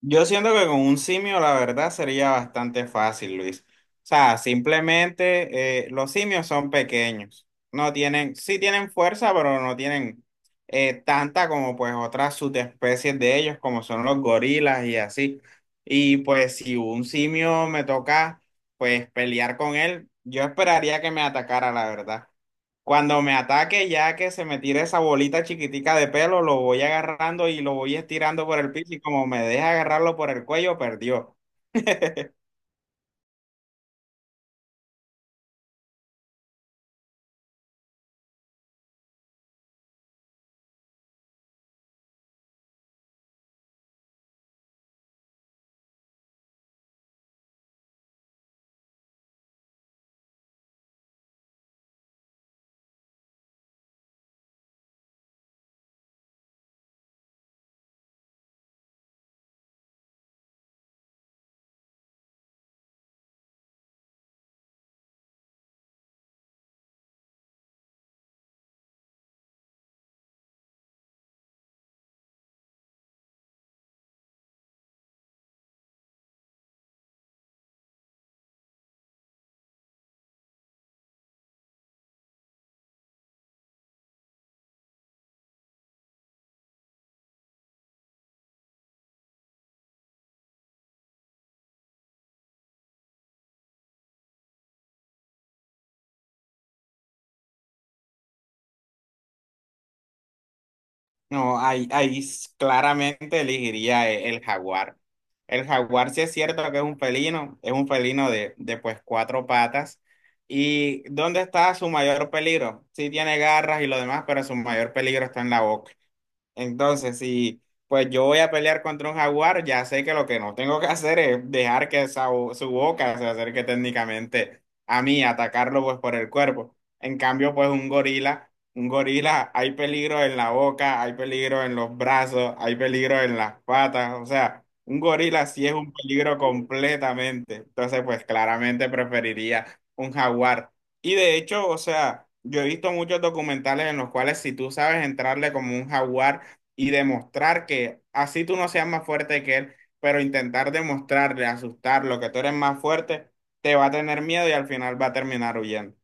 Yo siento que con un simio la verdad sería bastante fácil, Luis. O sea, simplemente los simios son pequeños. No tienen, sí tienen fuerza, pero no tienen tanta como pues otras subespecies de ellos, como son los gorilas y así. Y pues si un simio me toca pues pelear con él, yo esperaría que me atacara, la verdad. Cuando me ataque, ya que se me tire esa bolita chiquitica de pelo, lo voy agarrando y lo voy estirando por el piso y como me deja agarrarlo por el cuello, perdió. No, claramente elegiría el jaguar. El jaguar sí es cierto que es un felino de pues cuatro patas. ¿Y dónde está su mayor peligro? Sí tiene garras y lo demás, pero su mayor peligro está en la boca. Entonces, si pues yo voy a pelear contra un jaguar, ya sé que lo que no tengo que hacer es dejar que esa su boca se acerque técnicamente a mí, atacarlo pues por el cuerpo. En cambio, pues un gorila, hay peligro en la boca, hay peligro en los brazos, hay peligro en las patas, o sea, un gorila sí es un peligro completamente. Entonces, pues claramente preferiría un jaguar. Y de hecho, o sea, yo he visto muchos documentales en los cuales si tú sabes entrarle como un jaguar, y demostrar que así tú no seas más fuerte que él, pero intentar demostrarle, asustarlo, que tú eres más fuerte, te va a tener miedo y al final va a terminar huyendo.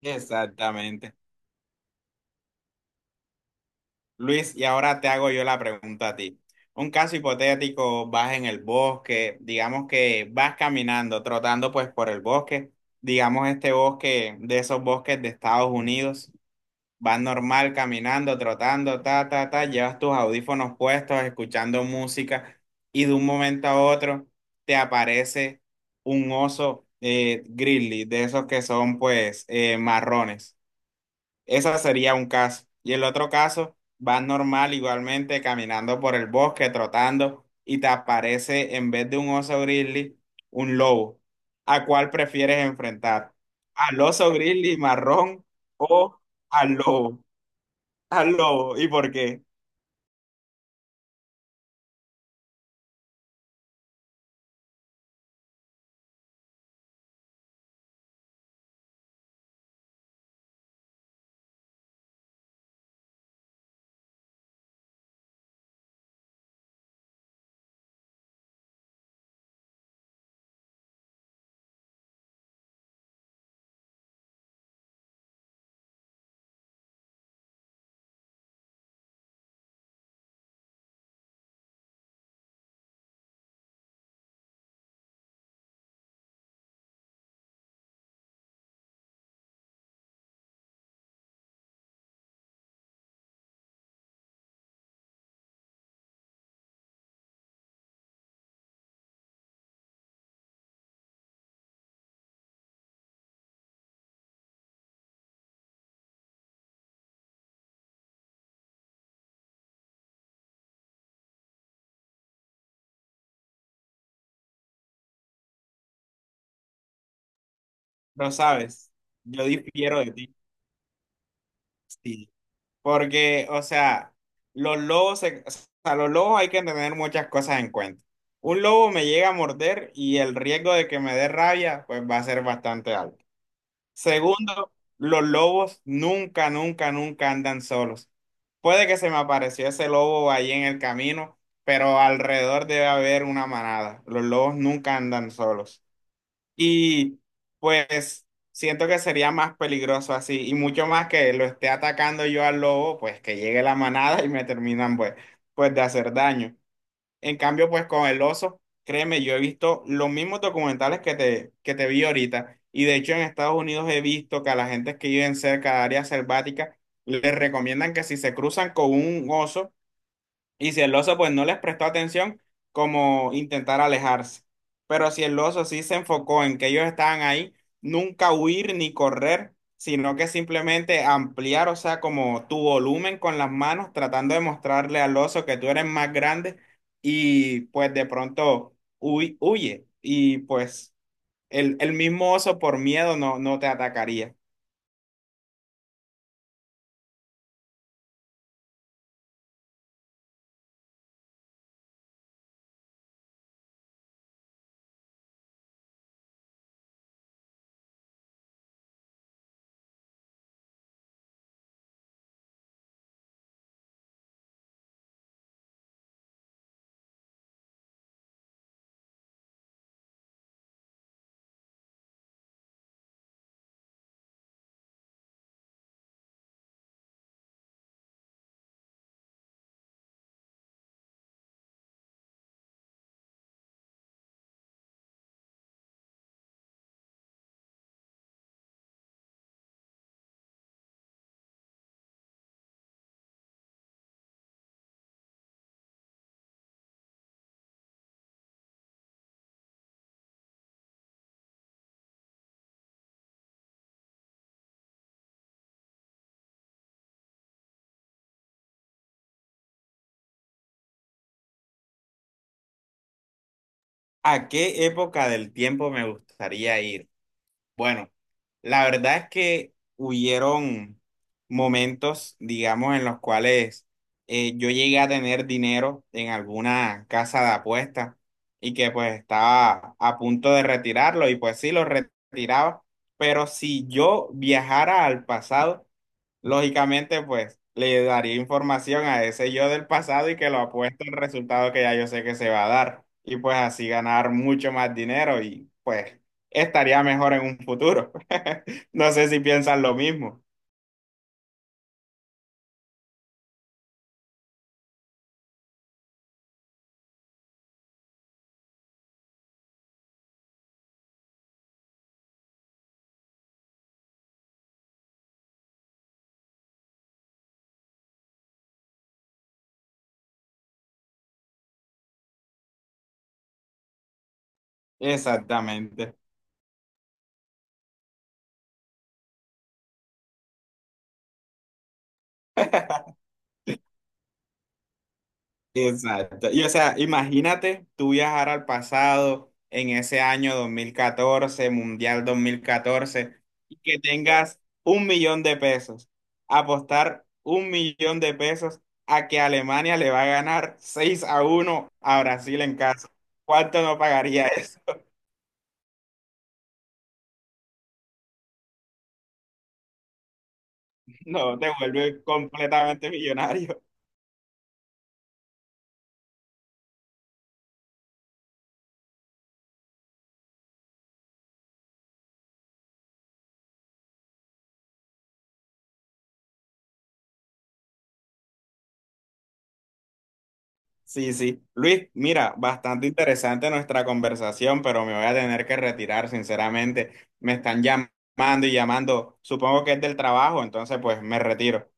Exactamente. Luis, y ahora te hago yo la pregunta a ti. Un caso hipotético, vas en el bosque, digamos que vas caminando, trotando pues por el bosque, digamos este bosque de esos bosques de Estados Unidos. Vas normal caminando, trotando, ta, ta, ta, llevas tus audífonos puestos, escuchando música y de un momento a otro te aparece un oso grizzly, de esos que son pues marrones. Ese sería un caso. Y el otro caso, vas normal igualmente caminando por el bosque, trotando y te aparece en vez de un oso grizzly, un lobo. ¿A cuál prefieres enfrentar? ¿Al oso grizzly marrón o al lobo? Al lobo. ¿Y por qué? No sabes. Yo difiero de ti. Sí. Porque, o sea, los lobos, se- o los lobos hay que tener muchas cosas en cuenta. Un lobo me llega a morder y el riesgo de que me dé rabia, pues va a ser bastante alto. Segundo, los lobos nunca, nunca, nunca andan solos. Puede que se me apareció ese lobo ahí en el camino, pero alrededor debe haber una manada. Los lobos nunca andan solos. Y pues siento que sería más peligroso así, y mucho más que lo esté atacando yo al lobo, pues que llegue la manada y me terminan pues de hacer daño. En cambio, pues con el oso, créeme, yo he visto los mismos documentales que te vi ahorita, y de hecho en Estados Unidos he visto que a la gente que viven cerca de áreas selváticas les recomiendan que si se cruzan con un oso, y si el oso pues no les prestó atención, como intentar alejarse. Pero si el oso sí se enfocó en que ellos estaban ahí, nunca huir ni correr, sino que simplemente ampliar, o sea, como tu volumen con las manos, tratando de mostrarle al oso que tú eres más grande y pues de pronto huye. Y pues el mismo oso por miedo no te atacaría. ¿A qué época del tiempo me gustaría ir? Bueno, la verdad es que hubieron momentos, digamos, en los cuales yo llegué a tener dinero en alguna casa de apuestas y que pues estaba a punto de retirarlo y pues sí, lo retiraba, pero si yo viajara al pasado, lógicamente, pues le daría información a ese yo del pasado y que lo apuesto el resultado que ya yo sé que se va a dar. Y pues así ganar mucho más dinero y pues estaría mejor en un futuro. No sé si piensan lo mismo. Exactamente. Exacto. Y o sea, imagínate tú viajar al pasado en ese año 2014, Mundial 2014, y que tengas 1.000.000 de pesos. Apostar 1.000.000 de pesos a que Alemania le va a ganar 6-1 a Brasil en casa. ¿Cuánto no pagaría eso? No, te vuelve completamente millonario. Sí, sí. Luis, mira, bastante interesante nuestra conversación, pero me voy a tener que retirar, sinceramente. Me están llamando y llamando. Supongo que es del trabajo, entonces pues me retiro.